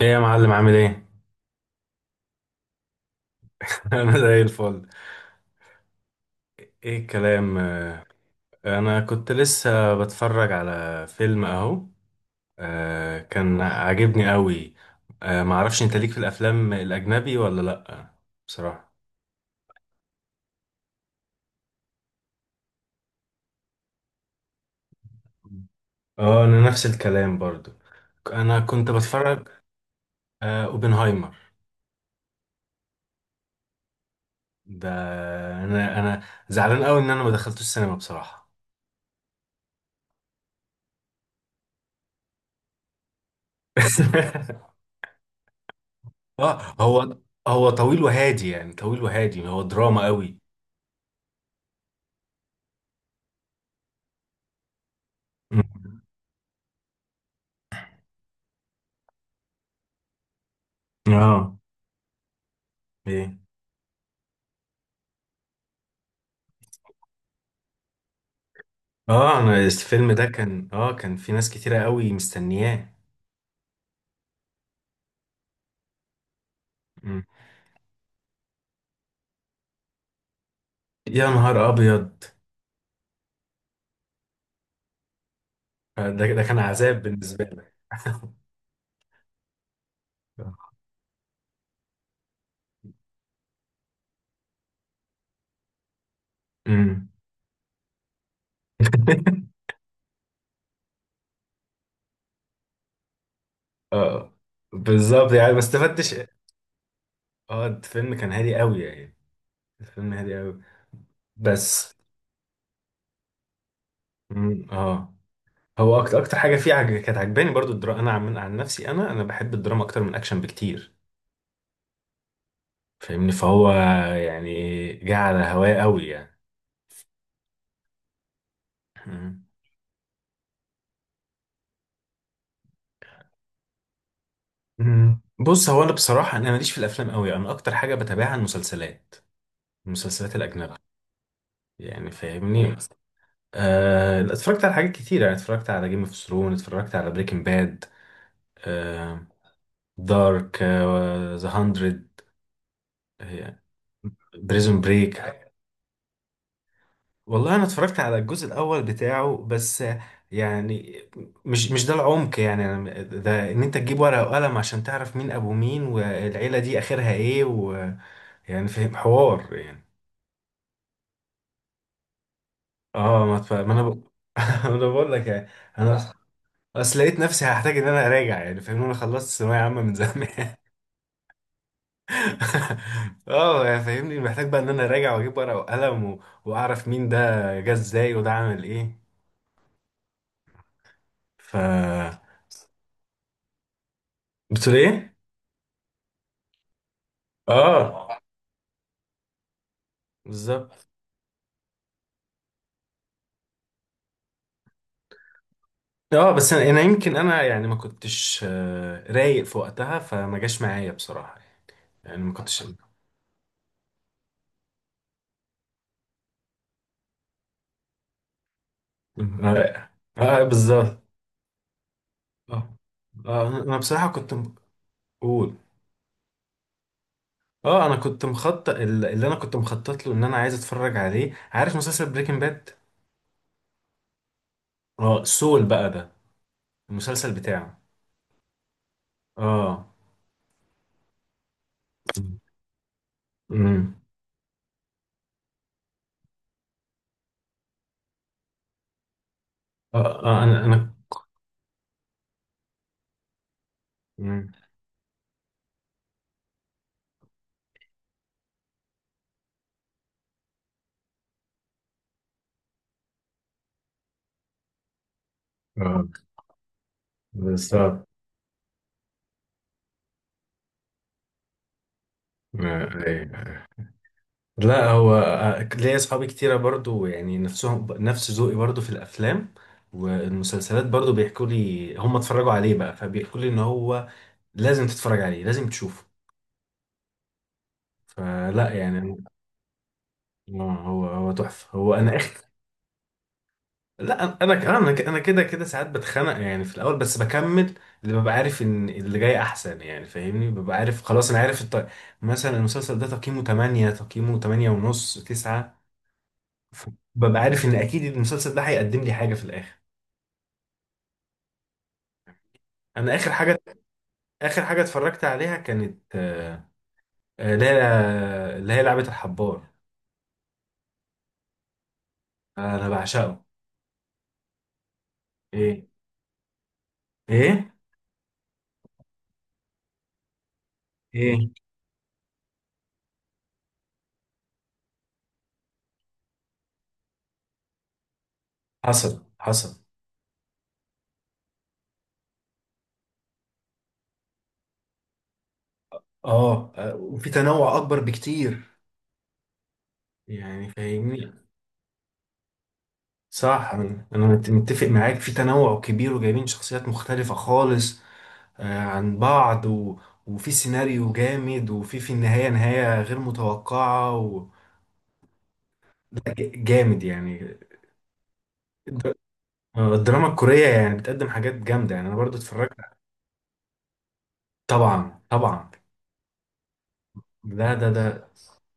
ايه يا معلم عامل ايه؟ انا زي الفل. ايه الكلام؟ انا كنت لسه بتفرج على فيلم اهو. كان عاجبني قوي. معرفش انت ليك في الافلام الاجنبي ولا لا، بصراحة. اه انا نفس الكلام برضو، انا كنت بتفرج. اوبنهايمر. ده انا زعلان قوي ان انا ما دخلتوش السينما بصراحة. اه. هو هو طويل وهادي يعني، طويل وهادي، هو دراما قوي. مم. اه. ايه؟ اه انا الفيلم ده كان اه كان في ناس كتيرة قوي مستنياه. مم. يا نهار ابيض. ده كان عذاب بالنسبة لك. امم اه بالظبط، يعني ما استفدتش. اه الفيلم كان هادي قوي يعني، الفيلم هادي قوي، بس. مم، اه هو اكتر اكتر حاجه فيه كانت عجباني برضو الدراما، انا عن نفسي، انا بحب الدراما اكتر من الاكشن بكتير، فاهمني. فهو، يعني جه على هواه قوي يعني. إمم. مم. بص هو انا بصراحه انا ماليش في الافلام قوي، انا اكتر حاجه بتابعها المسلسلات، المسلسلات الاجنبيه، يعني فاهمني. آه اتفرجت على حاجات كتير يعني، اتفرجت على جيم اوف ثرون، اتفرجت على بريكنج باد، آه، دارك، ذا هاندرد، بريزون بريك. والله انا اتفرجت على الجزء الاول بتاعه بس، يعني مش ده العمق، يعني ده ان انت تجيب ورقه وقلم عشان تعرف مين ابو مين والعيله دي اخرها ايه ويعني، فاهم حوار يعني. اه ما تف... ما انا ب... ما انا بقول لك يعني. انا أص- اصل لقيت نفسي هحتاج ان انا اراجع، يعني فاهمني، انا خلصت ثانويه عامه من زمان. اه يعني فاهمني، محتاج بقى ان انا اراجع واجيب ورقه وقلم و... واعرف مين ده جه ازاي وده عمل ايه. ف، بتقول ايه؟ اه بالظبط. اه بس انا يمكن انا يعني ما كنتش رايق في وقتها، فما جاش معايا بصراحه، يعني ما كنتش. اه بالظبط. اه انا بصراحه كنت. قول. اه انا كنت مخطط، اللي انا كنت مخطط له ان انا عايز اتفرج عليه، عارف مسلسل بريكنج باد. اه سول بقى، ده المسلسل بتاعه. اه. امم اه انا. مم. اه بالظبط. أيوة. لا هو ليا اصحابي كتيره برضو، يعني نفسهم نفس ذوقي برضو في الافلام والمسلسلات، برضو بيحكوا لي هم اتفرجوا عليه بقى، فبيحكوا لي ان هو لازم تتفرج عليه، لازم تشوفه. فلا يعني. هو تحفه، هو انا. لا انا كمان انا أنا كده ساعات بتخنق يعني في الاول، بس بكمل. اللي ببقى عارف ان اللي جاي احسن، يعني فاهمني، ببقى عارف خلاص انا عارف مثلا المسلسل ده تقييمه 8، تقييمه 8 ونص، 9. ببقى عارف ان اكيد المسلسل ده هيقدم لي حاجه في الاخر. انا اخر حاجه، اخر حاجه اتفرجت عليها كانت اللي هي، اللي هي لعبه الحبار. انا بعشقه. ايه؟ ايه؟ ايه؟ حصل حصل. اه وفي تنوع اكبر بكتير، يعني فاهمني. صح انا متفق معاك في تنوع كبير وجايبين شخصيات مختلفة خالص عن بعض و... وفي سيناريو جامد وفي في النهاية نهاية غير متوقعة و... لا، جامد يعني. الد- الدراما الكورية يعني بتقدم حاجات جامدة، يعني انا برضو اتفرجت. طبعا طبعا. ده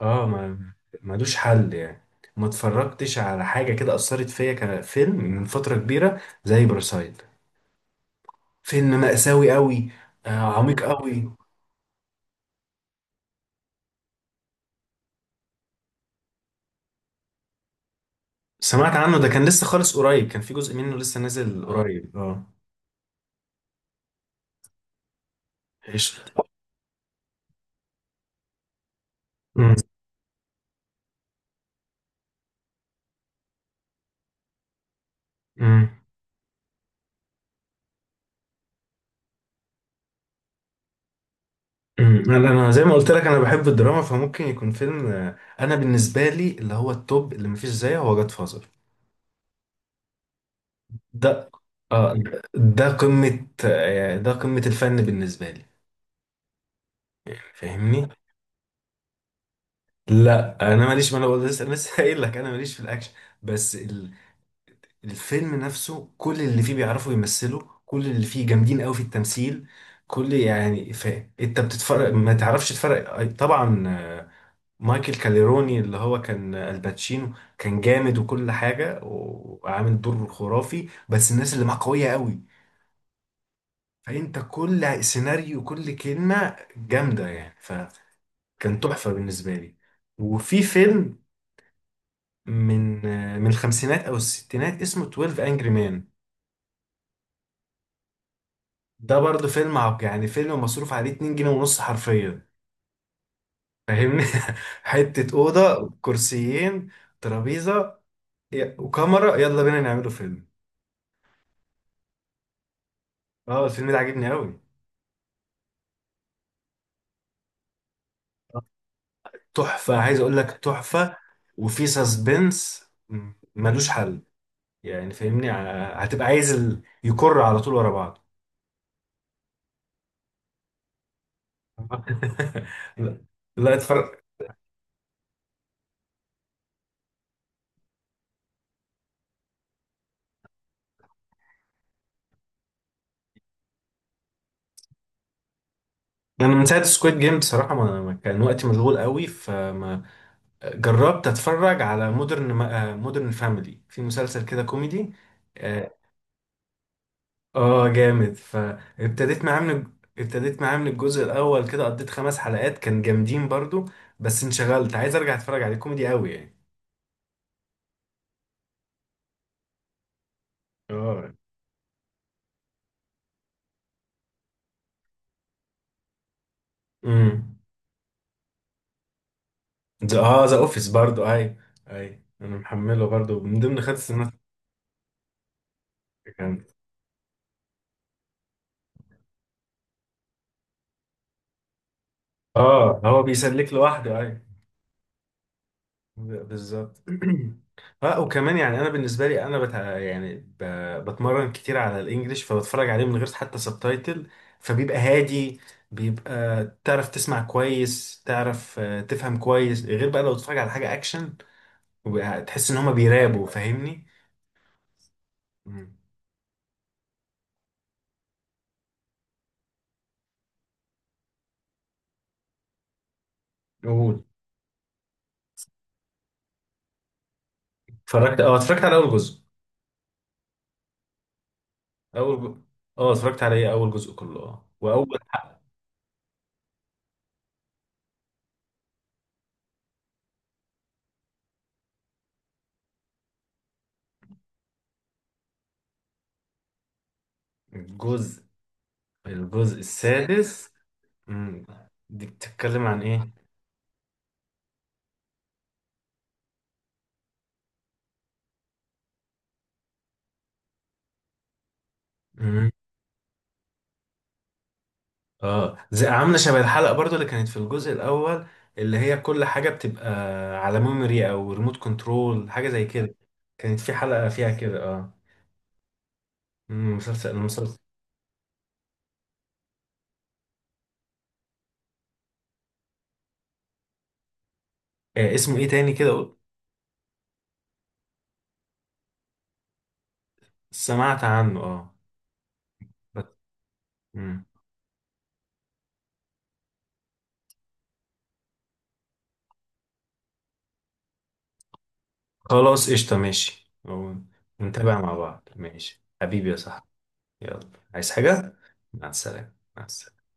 اه ما ملوش حل يعني، ما اتفرجتش على حاجة كده أثرت فيا كفيلم من فترة كبيرة زي باراسايت. فيلم مأساوي قوي. آه، عميق قوي. سمعت عنه، ده كان لسه خالص قريب، كان في جزء منه لسه نازل اه قريب اه. قشطة. أمم. أمم. أمم. انا زي ما قلت لك، انا بحب الدراما، فممكن يكون فيلم انا بالنسبه لي اللي هو التوب اللي مفيش زيه هو جاد فازر. ده، اه ده قمه ده قمه الفن بالنسبه لي، فاهمني. لا انا ماليش، ما انا بقول لسه، قايل لك انا ماليش في الاكشن، بس. الفيلم نفسه كل اللي فيه بيعرفوا يمثلوا، كل اللي فيه جامدين قوي في التمثيل، كل يعني انت بتتفرج ما تعرفش تفرق طبعا. مايكل كاليروني اللي هو كان الباتشينو كان جامد وكل حاجة وعامل دور خرافي، بس الناس اللي معاه قوية قوي، فانت كل سيناريو وكل كلمة جامدة يعني، فكان تحفة بالنسبة لي. وفي فيلم من من الخمسينات او الستينات اسمه 12 انجري مان، ده برضه فيلم عب يعني فيلم مصروف عليه 2 جنيه ونص حرفيا، فاهمني. حتة أوضة، كرسيين، ترابيزة، وكاميرا، يلا بينا نعمله فيلم. اه الفيلم ده عاجبني أوي، تحفة عايز أقول لك تحفة، وفي سسبنس ملوش حل، يعني فاهمني. هتبقى عايز ال... يكر على طول ورا بعض. لا لا اتفرج. انا من ساعه سكويد جيم بصراحه ما كان وقتي مشغول قوي، فما جربت اتفرج على مودرن فاميلي، في مسلسل كده كوميدي. اه جامد، فابتديت معاه من، ابتديت معاه من الجزء الاول كده، قضيت خمس حلقات كان جامدين برضو، بس انشغلت، عايز ارجع اتفرج عليه، كوميدي قوي يعني. اه. امم ذا، اه ذا اوفيس برضو، اي اي انا محمله برضو من ضمن خمس سنوات. كان اه هو بيسلك لوحده. بالظبط. اه وكمان يعني انا بالنسبه لي انا بتمرن كتير على الانجليش، فبتفرج عليه من غير حتى سبتايتل، فبيبقى هادي، بيبقى تعرف تسمع كويس، تعرف تفهم كويس، غير بقى لو تتفرج على حاجه اكشن وبقى تحس ان هما بيرابوا، فاهمني. مم. قول. اتفرجت اه اتفرجت على اول جزء. اول ج... اه اتفرجت على ايه اول جزء كله، اه واول حق. الجزء الجزء السادس. مم. دي بتتكلم عن ايه؟ اه زي عامله شبه الحلقه برضو اللي كانت في الجزء الاول، اللي هي كل حاجه بتبقى على ميموري او ريموت كنترول، حاجه زي كده، كانت في حلقه فيها كده اه. المسلسل. آه اسمه ايه تاني كده، قول-. سمعت عنه اه. بس- مم. خلاص قشطه ماشي نتابع مع بعض، ماشي حبيبي يا صاحبي، يلا، عايز حاجه؟ مع السلامه، مع السلامه.